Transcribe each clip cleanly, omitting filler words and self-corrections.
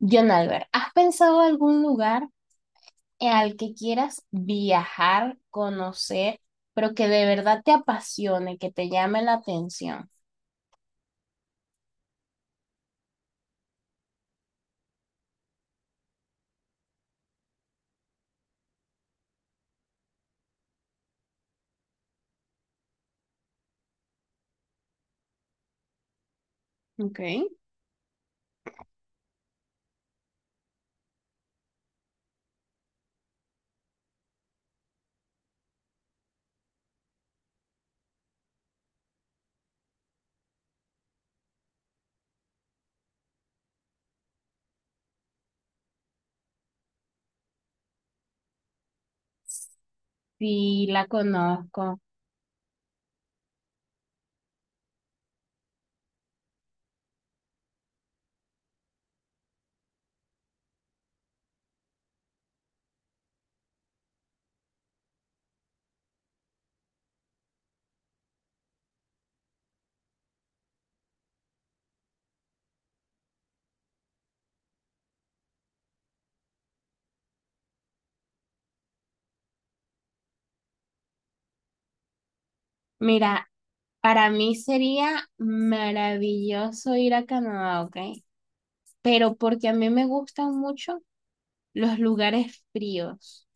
John Albert, ¿has pensado algún lugar al que quieras viajar, conocer, pero que de verdad te apasione, que te llame la atención? Okay. Sí, la conozco. Mira, para mí sería maravilloso ir a Canadá, ¿ok? Pero porque a mí me gustan mucho los lugares fríos.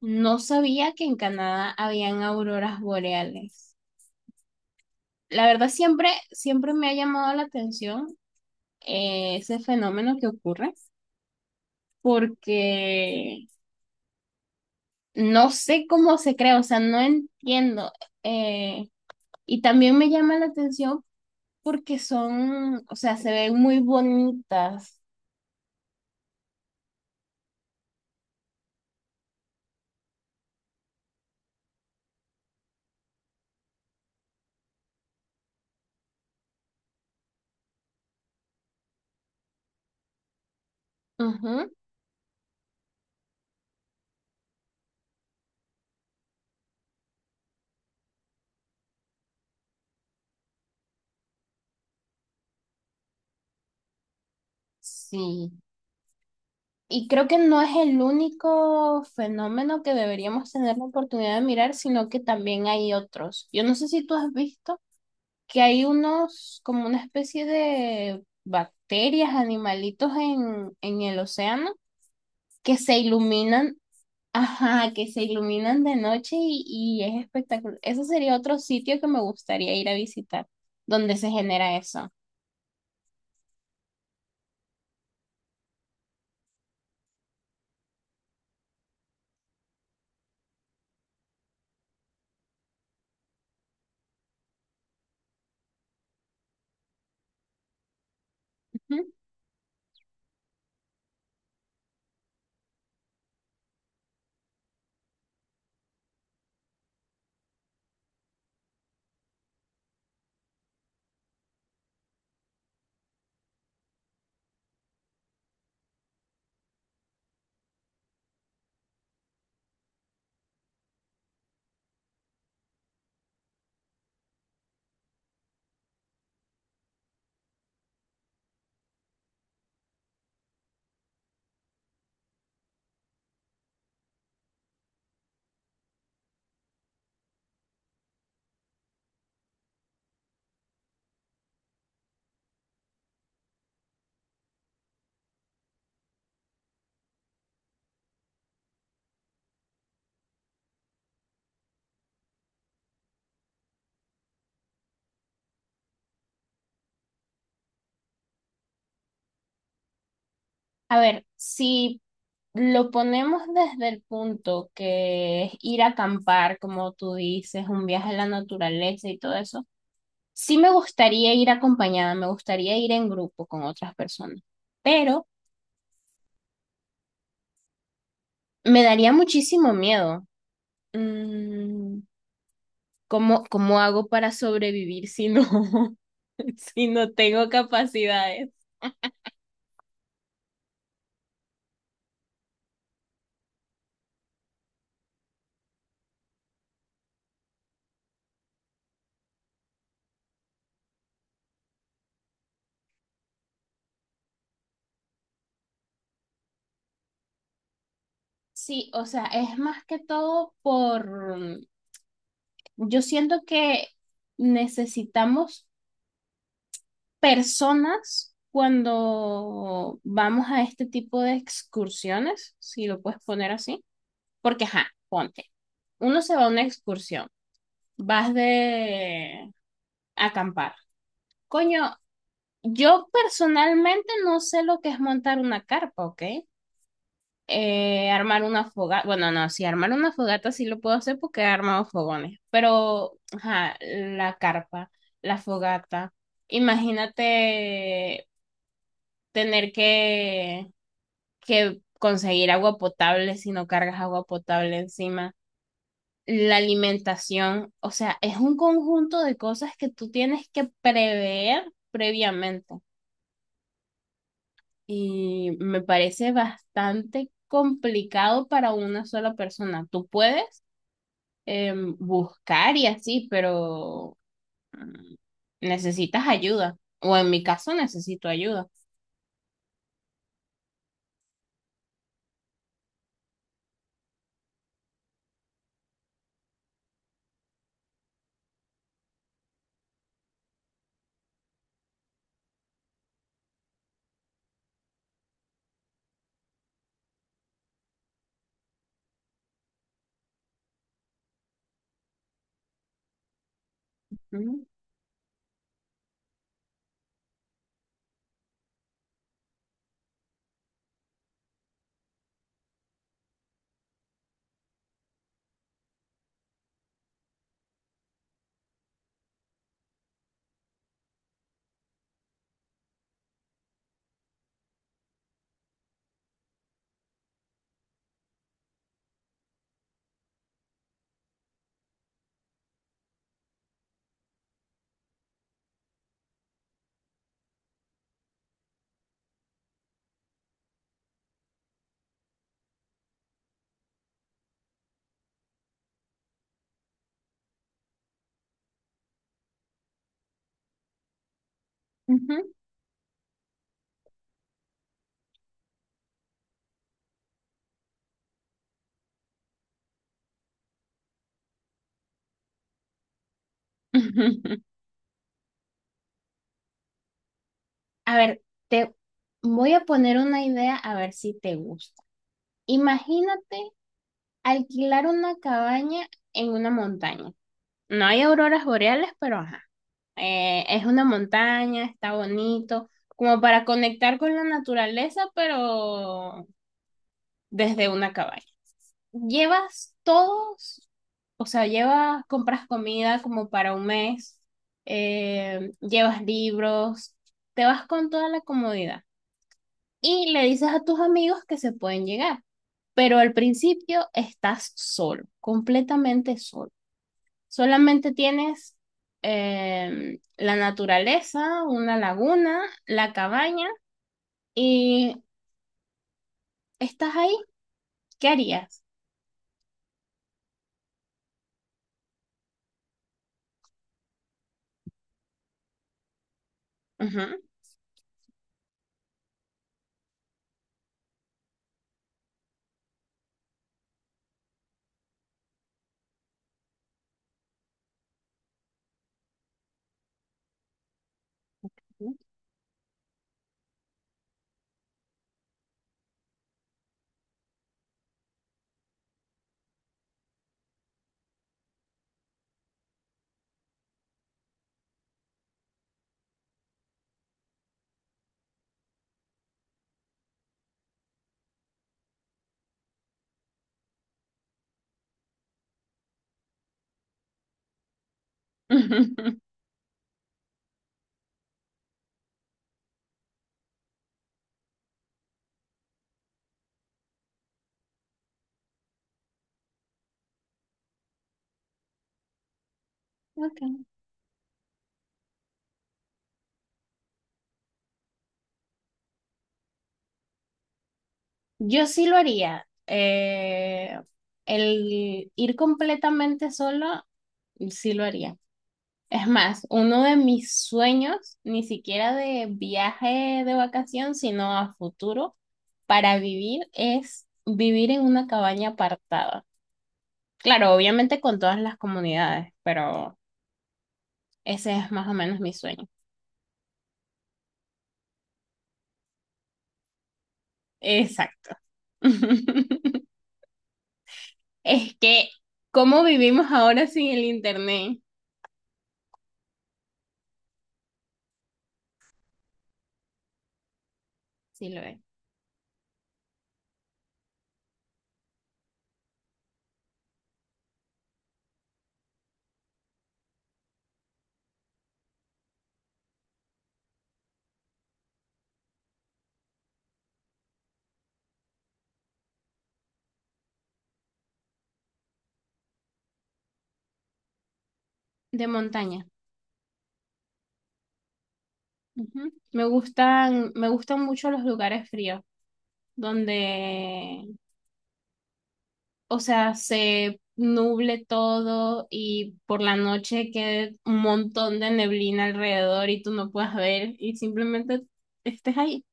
No sabía que en Canadá habían auroras boreales. La verdad, siempre me ha llamado la atención, ese fenómeno que ocurre porque no sé cómo se crea, o sea, no entiendo. eh, y también me llama la atención porque son, o sea, se ven muy bonitas. Ujú, sí. Y creo que no es el único fenómeno que deberíamos tener la oportunidad de mirar, sino que también hay otros. Yo no sé si tú has visto que hay unos, como una especie de bacterias, animalitos en el océano que se iluminan, ajá, que se iluminan de noche y es espectacular. Eso sería otro sitio que me gustaría ir a visitar, donde se genera eso. Ujú. A ver, si lo ponemos desde el punto que es ir a acampar, como tú dices, un viaje a la naturaleza y todo eso, sí me gustaría ir acompañada, me gustaría ir en grupo con otras personas, pero me daría muchísimo miedo. Mm, ¿Cómo, cómo hago para sobrevivir si no, si no tengo capacidades? Sí, o sea, es más que todo por, yo siento que necesitamos personas cuando vamos a este tipo de excursiones, si lo puedes poner así, porque, ajá, ponte, uno se va a una excursión, vas de acampar. Coño, yo personalmente no sé lo que es montar una carpa, ¿ok? Armar una fogata, bueno, no, si armar una fogata sí lo puedo hacer porque he armado fogones, pero ajá, la carpa, la fogata, imagínate tener que conseguir agua potable si no cargas agua potable encima, la alimentación, o sea, es un conjunto de cosas que tú tienes que prever previamente y me parece bastante complicado para una sola persona. ¿Tú puedes? Em, buscar y así, pero mm, necesitas ayuda. O en mi caso necesito ayuda. Ujú, ujú. A ver, te voy a poner una idea a ver si te gusta. Imagínate alquilar una cabaña en una montaña. No hay auroras boreales, pero ajá. Es una montaña, está bonito, como para conectar con la naturaleza, pero desde una cabaña. Llevas todos, o sea, llevas, compras comida como para un mes, llevas libros, te vas con toda la comodidad y le dices a tus amigos que se pueden llegar, pero al principio estás solo, completamente solo. Solamente tienes, la naturaleza, una laguna, la cabaña y estás ahí. ¿Qué harías? Ujú. Ok. Yo sí lo haría. El ir completamente solo, sí lo haría. Es más, uno de mis sueños, ni siquiera de viaje de vacación, sino a futuro, para vivir es vivir en una cabaña apartada. Claro, obviamente con todas las comunidades, pero ese es más o menos mi sueño. Exacto. Es que, ¿cómo vivimos ahora sin el internet? Sí lo es. De montaña. Ujú. Me gustan mucho los lugares fríos, donde, o sea, se nuble todo y por la noche quede un montón de neblina alrededor y tú no puedas ver y simplemente estés ahí.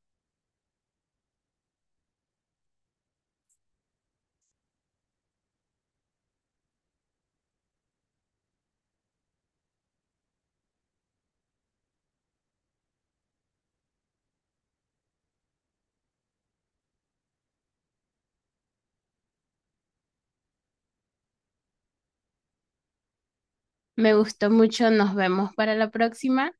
Me gustó mucho, nos vemos para la próxima.